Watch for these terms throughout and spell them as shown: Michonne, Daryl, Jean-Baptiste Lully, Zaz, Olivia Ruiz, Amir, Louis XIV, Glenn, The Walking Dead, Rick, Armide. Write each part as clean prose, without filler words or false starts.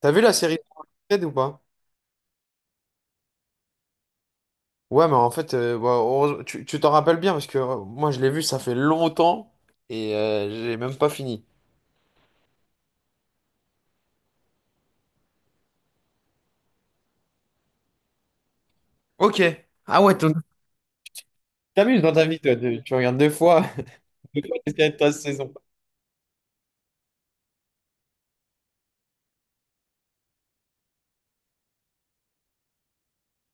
T'as vu la série Ted ou pas? Ouais, mais en fait, bah, tu t'en rappelles bien parce que moi je l'ai vu, ça fait longtemps et j'ai même pas fini. Ok. Ah ouais, t'amuses dans ta vie, toi, tu regardes deux fois la série de ta saison.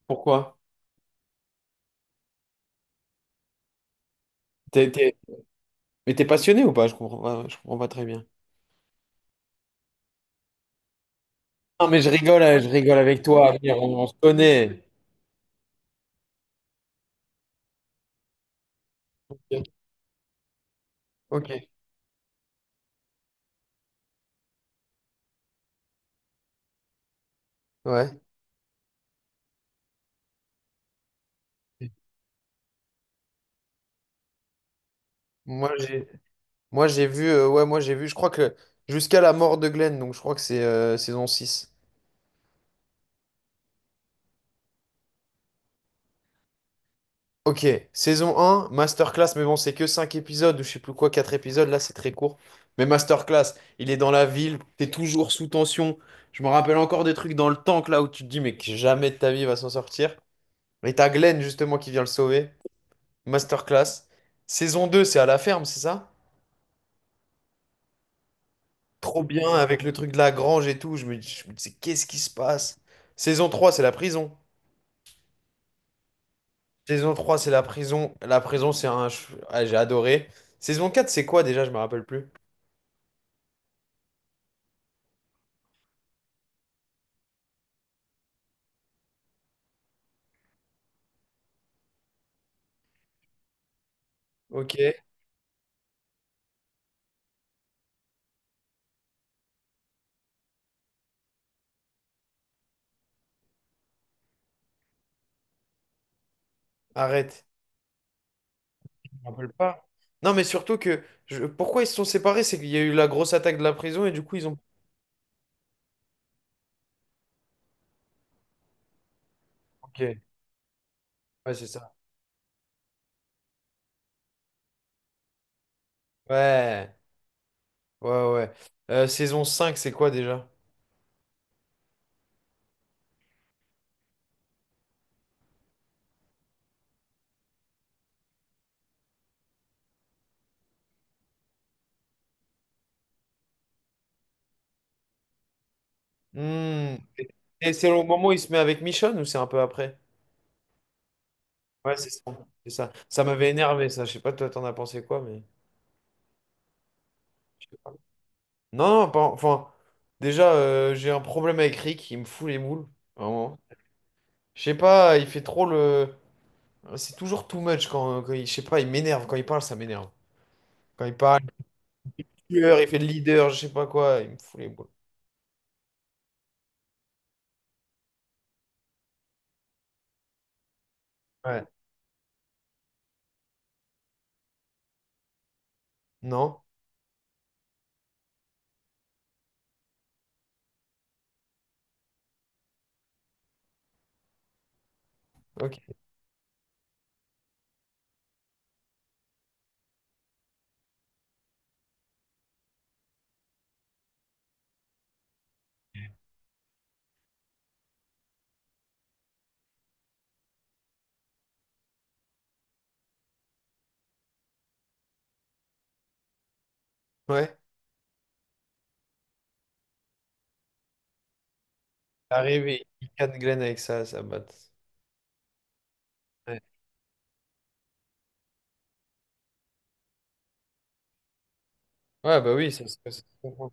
Pourquoi? T'es, t'es- Mais t'es passionné ou pas? Je comprends pas, je comprends pas très bien. Non, mais je rigole avec toi, Amir, on se connaît. Ok, ouais. Moi j'ai moi j'ai vu, ouais, moi j'ai vu, je crois que jusqu'à la mort de Glenn, donc je crois que c'est saison 6. Ok, saison 1, masterclass, mais bon, c'est que 5 épisodes ou je sais plus quoi, 4 épisodes, là c'est très court. Mais masterclass, il est dans la ville, t'es toujours sous tension. Je me rappelle encore des trucs dans le tank là où tu te dis mais que jamais de ta vie il va s'en sortir. Et t'as Glenn justement qui vient le sauver. Masterclass. Saison 2 c'est à la ferme, c'est ça? Trop bien avec le truc de la grange et tout. Je me dis, qu'est-ce qui se passe? Saison 3 c'est la prison. Saison 3 c'est la prison. La prison, c'est un. Ah, j'ai adoré. Saison 4 c'est quoi déjà? Je me rappelle plus. Ok. Arrête. Je me rappelle pas. Non, mais surtout pourquoi ils se sont séparés? C'est qu'il y a eu la grosse attaque de la prison et du coup ils ont. Ok. Ouais, c'est ça. Ouais. Ouais, ouais. Saison 5, c'est quoi déjà? Hmm. Et c'est au moment où il se met avec Michonne ou c'est un peu après? Ouais, c'est ça. C'est ça. Ça m'avait énervé, ça. Je sais pas, toi, t'en as pensé quoi, mais. Je sais pas. Non, non, pas, enfin. Déjà, j'ai un problème avec Rick. Il me fout les moules. Vraiment. Je sais pas, il fait trop le. C'est toujours too much quand, quand il. Je sais pas, il m'énerve. Quand il parle, ça m'énerve. Quand il parle, il est tueur, il fait le leader, je sais pas quoi, il me fout les boules. Ouais. Non? Ok. Ouais. Arrivé, il canne Glenn avec ça, ça batte. Ouais. Ouais, bah oui, ça se comprend.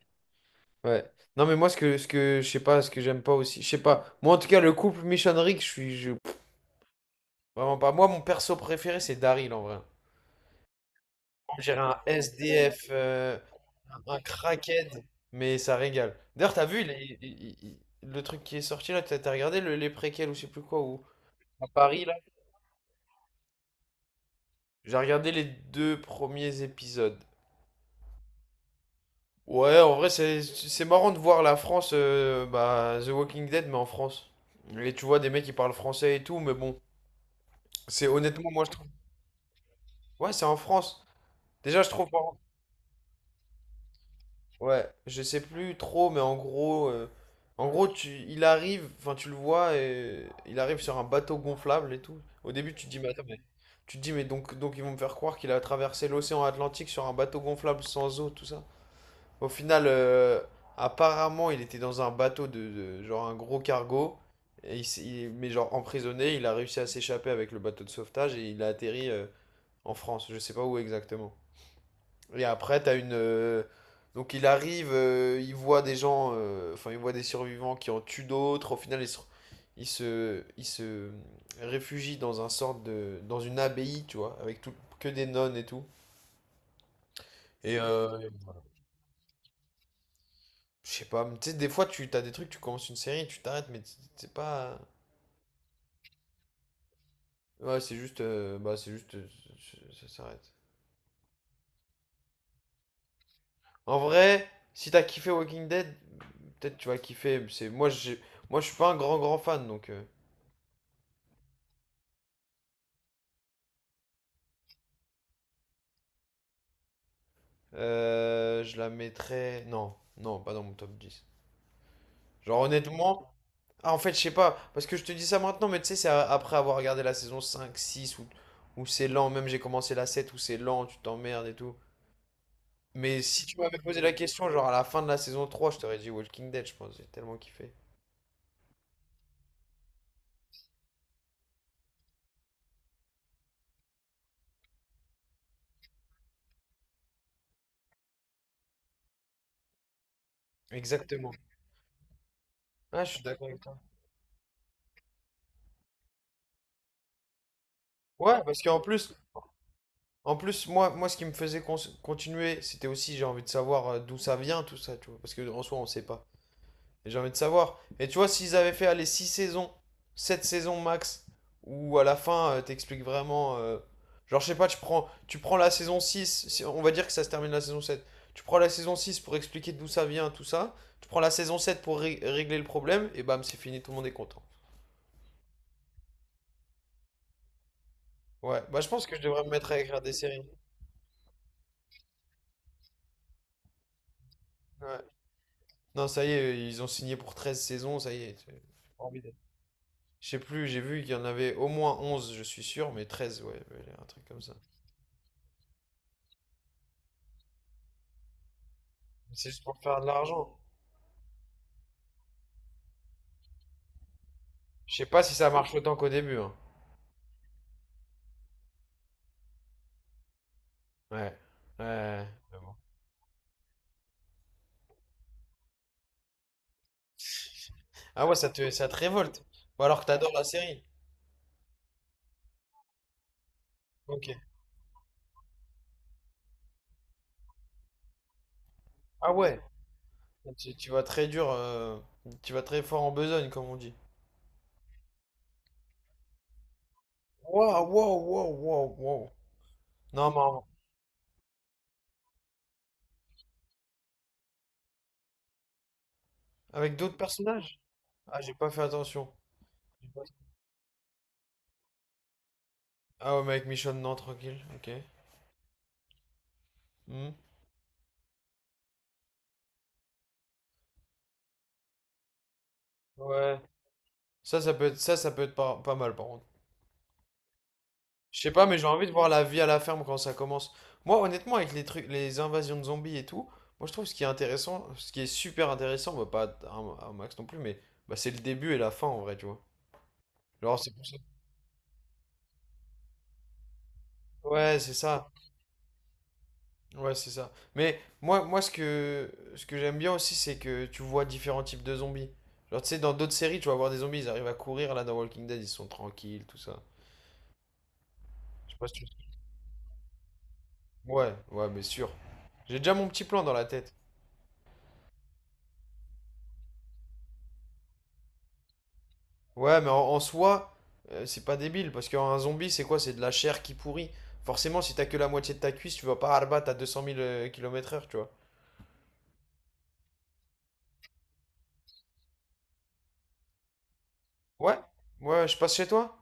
Ouais. Non, mais moi, ce que je sais pas, ce que j'aime pas aussi, je sais pas. Moi, en tout cas, le couple Michonnerie, pff, vraiment pas. Moi, mon perso préféré, c'est Daryl en vrai. On dirait un SDF, un crackhead, mais ça régale. D'ailleurs, t'as vu il est- il- le truc qui est sorti là, t'as regardé les préquels ou je sais plus quoi, ou à Paris là? J'ai regardé les deux premiers épisodes. Ouais, en vrai, c'est marrant de voir la France, bah, The Walking Dead, mais en France. Et tu vois des mecs qui parlent français et tout, mais bon, c'est honnêtement, moi je trouve. Ouais, c'est en France. Déjà, je trouve marrant. Ouais, je sais plus trop, mais en gros, il arrive, enfin, tu le vois, et il arrive sur un bateau gonflable et tout. Au début, tu te dis, mais attends, tu te dis, mais donc ils vont me faire croire qu'il a traversé l'océan Atlantique sur un bateau gonflable sans eau, tout ça. Au final, apparemment, il était dans un bateau genre un gros cargo. Et mais genre emprisonné, il a réussi à s'échapper avec le bateau de sauvetage et il a atterri en France. Je sais pas où exactement. Et après, t'as une. Donc il arrive, il voit des gens, enfin il voit des survivants qui en tuent d'autres. Au final, il se réfugie dans un sorte de, dans une abbaye, tu vois, avec tout, que des nonnes et tout. Et je sais pas, mais tu sais, des fois, tu as des trucs, tu commences une série, tu t'arrêtes, mais c'est pas. Ouais, c'est juste. Bah, c'est juste. Ça s'arrête. En vrai, si t'as kiffé Walking Dead, peut-être tu vas kiffer. C'est. Moi, j'ai. Moi, je suis pas un grand, grand fan, donc. Je la mettrais. Non, non, pas dans mon top 10. Genre, honnêtement. Ah, en fait, je sais pas, parce que je te dis ça maintenant, mais tu sais, après avoir regardé la saison 5 6 où c'est lent, même j'ai commencé la 7 où c'est lent, tu t'emmerdes et tout. Mais si tu m'avais posé la question, genre à la fin de la saison trois, je t'aurais dit Walking Dead, je pense. J'ai tellement kiffé. Exactement. Ah, je suis d'accord avec toi. Ouais, parce qu'en plus, en plus, moi, ce qui me faisait continuer, c'était aussi, j'ai envie de savoir d'où ça vient, tout ça, tu vois. Parce que en soi, on sait pas. Et j'ai envie de savoir. Et tu vois, s'ils avaient fait aller 6 saisons, 7 saisons max, où à la fin, t'expliques vraiment. Genre, je sais pas, tu prends la saison six, si on va dire que ça se termine la saison sept. Tu prends la saison 6 pour expliquer d'où ça vient, tout ça. Tu prends la saison 7 pour régler le problème, et bam, c'est fini, tout le monde est content. Ouais, bah je pense que je devrais me mettre à écrire des séries. Ouais. Non, ça y est, ils ont signé pour 13 saisons, ça y est. Formidable. Je sais plus, j'ai vu qu'il y en avait au moins 11, je suis sûr, mais 13, ouais, ouais, un truc comme ça. C'est juste pour faire de l'argent. Je sais pas si ça marche autant qu'au début. Hein. Ouais. Ouais. Mais bon. Ah ouais, ça te révolte. Ou alors que t'adores la série. Ok. Ah ouais. Tu vas très dur. Tu vas très fort en besogne, comme on dit. Waouh, waouh, waouh, waouh, waouh. Non, mais avec d'autres personnages? Ah, j'ai pas fait attention. J'ai pas- Ah ouais, mais avec Michonne, non, tranquille. Ok. Hmm. Ouais. Ça peut être pas, pas mal, par contre. Je sais pas, mais j'ai envie de voir la vie à la ferme quand ça commence. Moi, honnêtement, avec les trucs, les invasions de zombies et tout, moi je trouve ce qui est intéressant, ce qui est super intéressant, bah, pas à un max non plus, mais bah, c'est le début et la fin en vrai, tu vois. Genre, c'est pour ça. Ouais, c'est ça. Ouais, c'est ça. Mais moi ce que j'aime bien aussi, c'est que tu vois différents types de zombies. Genre, tu sais, dans d'autres séries, tu vas voir des zombies, ils arrivent à courir, là, dans Walking Dead, ils sont tranquilles, tout ça. Je sais pas si tu. Ouais, ouais, mais sûr. J'ai déjà mon petit plan dans la tête. Ouais, mais en soi, c'est pas débile, parce qu'un zombie, c'est quoi? C'est de la chair qui pourrit. Forcément, si t'as que la moitié de ta cuisse, tu vas pas arbattre à 200 000 kilomètres heure, tu vois. Ouais, ouais, je passe chez toi?